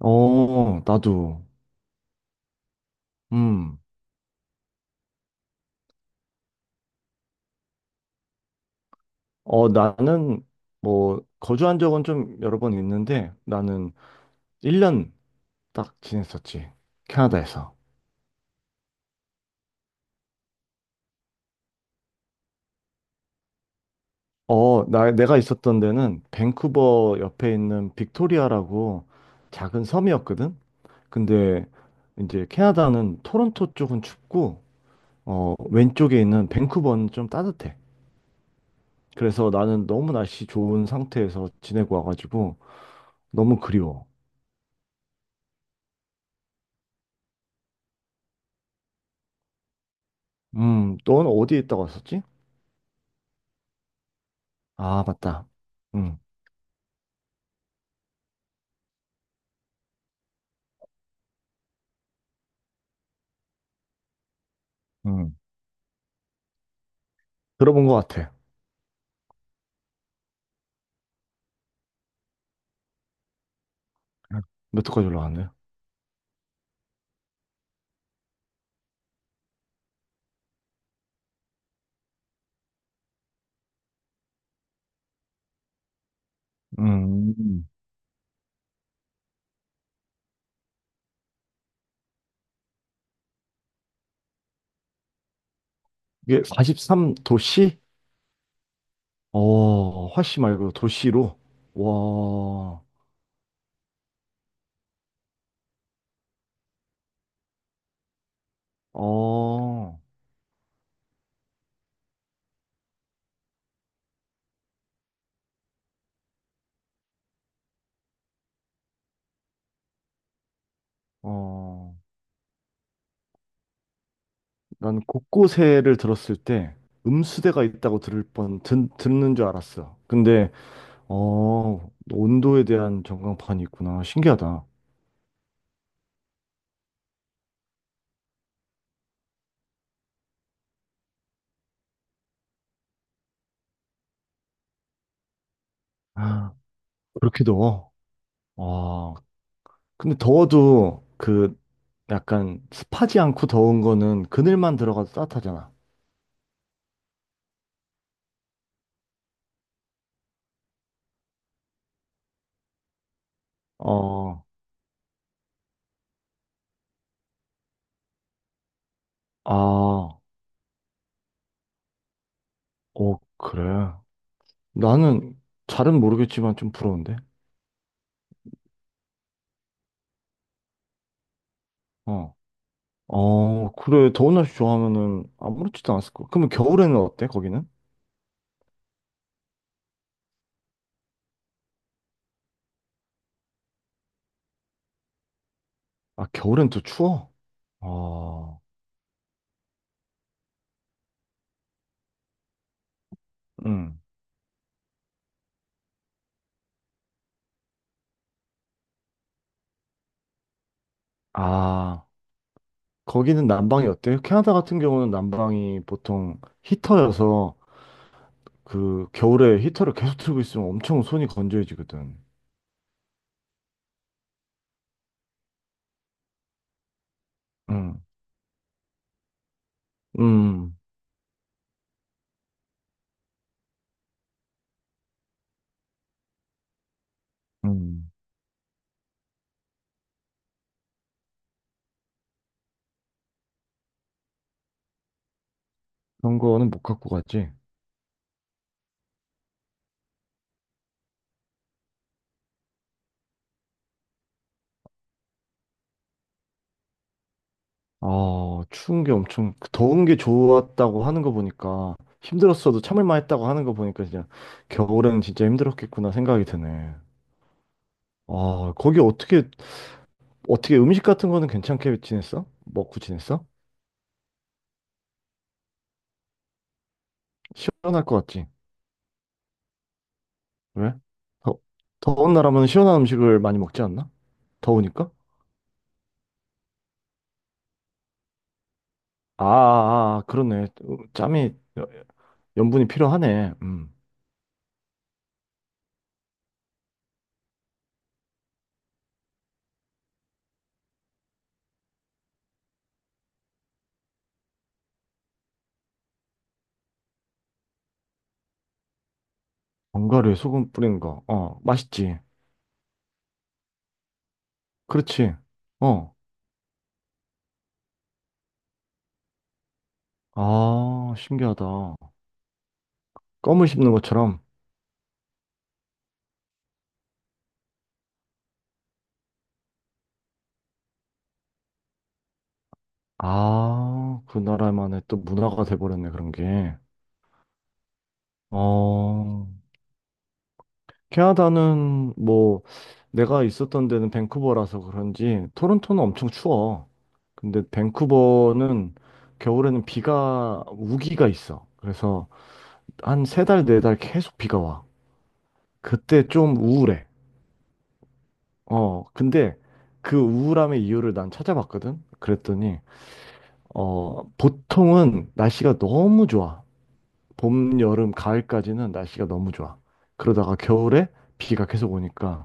어, 나도. 음. 나는 뭐 거주한 적은 좀 여러 번 있는데 나는 1년 딱 지냈었지. 캐나다에서. 나 내가 있었던 데는 밴쿠버 옆에 있는 빅토리아라고 작은 섬이었거든. 근데 이제 캐나다는 토론토 쪽은 춥고 왼쪽에 있는 밴쿠버는 좀 따뜻해. 그래서 나는 너무 날씨 좋은 상태에서 지내고 와가지고 너무 그리워. 넌 어디에 있다고 왔었지? 아, 맞다. 음, 음. 들어본 것 같아. 몇도까지 올라왔요? 음. 이게 43 도시? 어, 화씨 말고 도시로? 와, 어, 어. 난 곳곳에를 들었을 때 음수대가 있다고 듣는 줄 알았어. 근데, 어, 온도에 대한 전광판이 있구나. 신기하다. 아, 그렇게 더워? 와, 근데 더워도 그 약간 습하지 않고 더운 거는 그늘만 들어가도 따뜻하잖아. 어, 아, 오, 그래. 나는 잘은 모르겠지만 좀 부러운데. 어, 그래. 더운 날씨 좋아하면은 아무렇지도 않았을 거. 그러면 겨울에는 어때? 거기는? 아, 겨울엔 또 추워? 어, 응. 아, 거기는 난방이 어때요? 캐나다 같은 경우는 난방이 보통 히터여서 그 겨울에 히터를 계속 틀고 있으면 엄청 손이 건조해지거든. 응, 음, 음. 음. 그런 거는 못 갖고 가지. 아, 추운 게 엄청, 그 더운 게 좋았다고 하는 거 보니까, 힘들었어도 참을 만했다고 하는 거 보니까, 진짜, 겨울에는 진짜 힘들었겠구나 생각이 드네. 아, 거기 어떻게 음식 같은 거는 괜찮게 지냈어? 먹고 지냈어? 시원할 것 같지? 왜? 더, 더운 나라면 시원한 음식을 많이 먹지 않나? 더우니까? 아, 그러네. 어, 짬이, 여- 연분이 필요하네. 음. 견과류에 소금 뿌린 거. 어, 맛있지. 그렇지. 어. 아, 신기하다. 껌을 씹는 것처럼. 아, 그 나라만의 또 문화가 돼버렸네, 그런 게. 어, 캐나다는 뭐, 내가 있었던 데는 밴쿠버라서 그런지, 토론토는 엄청 추워. 근데 밴쿠버는 겨울에는 비가, 우기가 있어. 그래서 한 3 달, 4 달 계속 비가 와. 그때 좀 우울해. 근데 그 우울함의 이유를 난 찾아봤거든? 그랬더니, 어, 보통은 날씨가 너무 좋아. 봄, 여름, 가을까지는 날씨가 너무 좋아. 그러다가 겨울에 비가 계속 오니까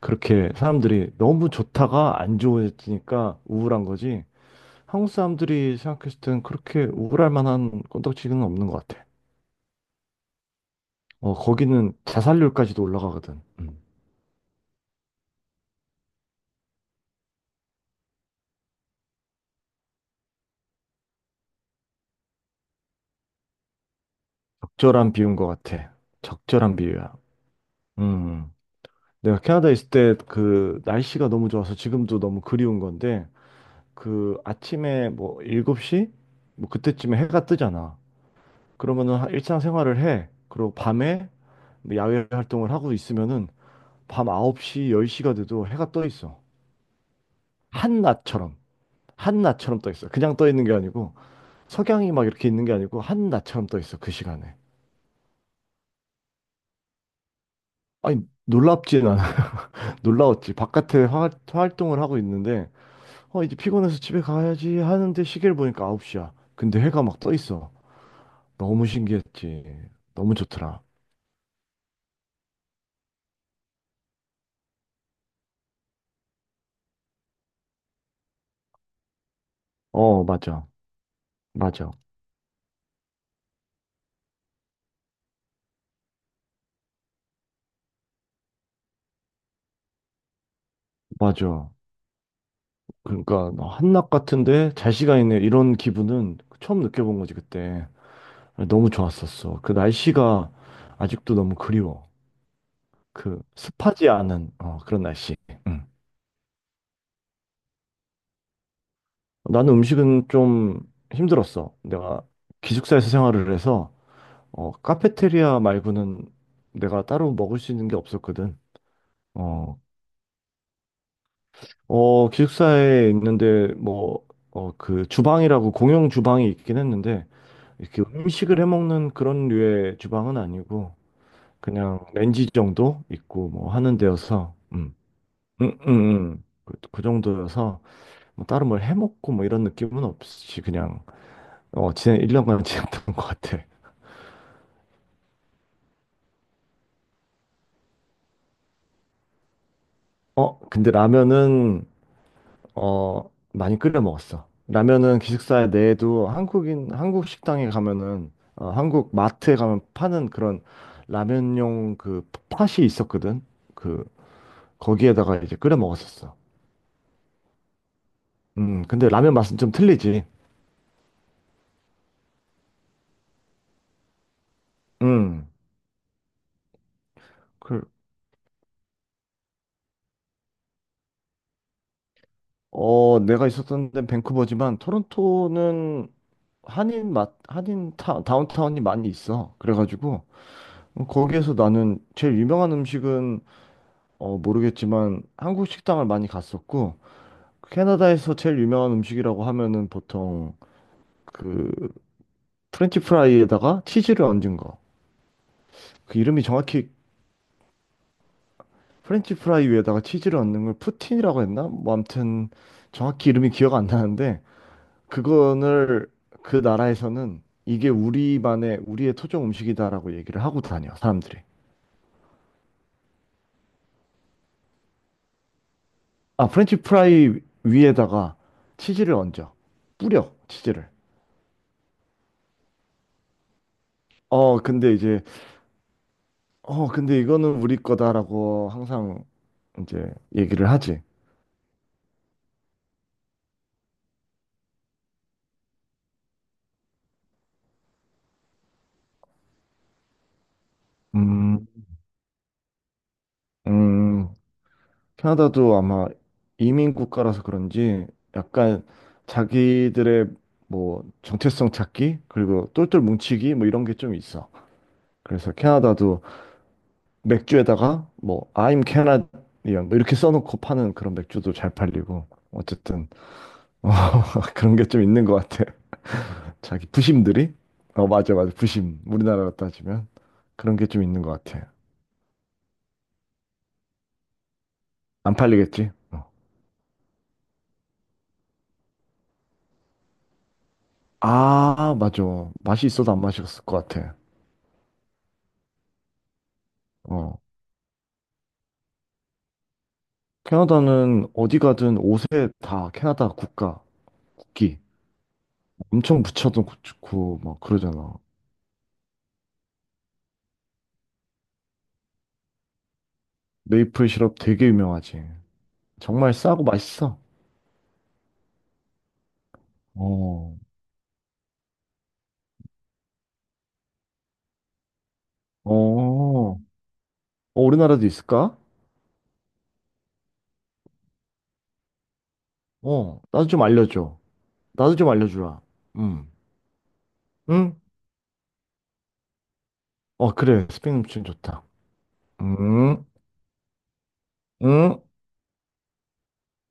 그렇게 사람들이 너무 좋다가 안 좋아지니까 우울한 거지. 한국 사람들이 생각했을 땐 그렇게 우울할 만한 건덕지는 없는 것 같아. 어, 거기는 자살률까지도 올라가거든. 음. 적절한 비유인 것 같아. 적절한 비유야. 음. 내가 캐나다에 있을 때 그 날씨가 너무 좋아서 지금도 너무 그리운 건데 그 아침에 뭐 7시? 뭐 그때쯤에 해가 뜨잖아. 그러면은 하- 일상생활을 해. 그리고 밤에 뭐 야외 활동을 하고 있으면은 밤 9시, 10시가 돼도 해가 떠 있어. 한낮처럼. 한낮처럼 떠 있어. 그냥 떠 있는 게 아니고 석양이 막 이렇게 있는 게 아니고 한낮처럼 떠 있어. 그 시간에. 아니 놀랍지 않아. 놀라웠지. 바깥에 화- 활동을 하고 있는데 이제 피곤해서 집에 가야지 하는데 시계를 보니까 9시야. 근데 해가 막 떠 있어. 너무 신기했지. 너무 좋더라. 어, 맞아. 맞아. 맞아. 그러니까 한낮 같은데 잘 시간이네. 이런 기분은 처음 느껴본 거지, 그때. 너무 좋았었어. 그 날씨가 아직도 너무 그리워. 그 습하지 않은 어, 그런 날씨. 응. 나는 음식은 좀 힘들었어. 내가 기숙사에서 생활을 해서 카페테리아 말고는 내가 따로 먹을 수 있는 게 없었거든. 어, 어, 기숙사에 있는데 뭐, 어, 그 주방이라고 공용 주방이 있긴 했는데 이렇게 음식을 해 먹는 그런 류의 주방은 아니고 그냥 렌지 정도 있고 뭐 하는 데여서 그 정도여서 뭐 따로 뭘 해 먹고 뭐 이런 느낌은 없이 그냥 어, 지난 1년간 지냈던 것 같아. 어, 근데 라면은 어, 많이 끓여 먹었어. 라면은 기숙사에 내도 한국인, 한국 식당에 가면은, 어, 한국 마트에 가면 파는 그런 라면용 그 팥이 있었거든. 그, 거기에다가 이제 끓여 먹었었어. 근데 라면 맛은 좀 틀리지. 음, 그, 내가 있었던 데는 밴쿠버지만 토론토는 한인 맛, 한인 타, 다운타운이 많이 있어. 그래가지고, 어, 거기에서 나는 제일 유명한 음식은, 어, 모르겠지만 한국 식당을 많이 갔었고, 캐나다에서 제일 유명한 음식이라고 하면은 보통 그 프렌치 프라이에다가 치즈를 얹은 거. 그 이름이 정확히 프렌치 프라이 위에다가 치즈를 얹는 걸 푸틴이라고 했나? 뭐 아무튼 정확히 이름이 기억 안 나는데 그거를 그 나라에서는 이게 우리만의 우리의 토종 음식이다라고 얘기를 하고 다녀 사람들이. 아 프렌치 프라이 위에다가 치즈를 얹어 뿌려 치즈를. 어 근데 이제 어, 근데 이거는 우리 거다라고 항상 이제 얘기를 하지. 음, 음, 캐나다도 아마 이민 국가라서 그런지 약간 자기들의 뭐 정체성 찾기 그리고 똘똘 뭉치기 뭐 이런 게 좀 있어. 그래서 캐나다도 맥주에다가 뭐 I'm Canadian 뭐 이렇게 써놓고 파는 그런 맥주도 잘 팔리고 어쨌든 어, 그런 게 좀 있는 것 같아. 자기 부심들이 어 맞아 맞아 부심 우리나라로 따지면 그런 게 좀 있는 것 같아 안 팔리겠지 어. 아 맞아 맛이 있어도 안 마셨을 것 같아 어 캐나다는 어디 가든 옷에 다 캐나다 국가 국기 엄청 붙여도 좋고 막 그러잖아 메이플 시럽 되게 유명하지 정말 싸고 맛있어 어 어, 어, 우리나라도 있을까? 어, 나도 좀 알려줘. 나도 좀 알려주라. 음. 응? 어, 그래. 스팸 음식 좋다. 응, 응.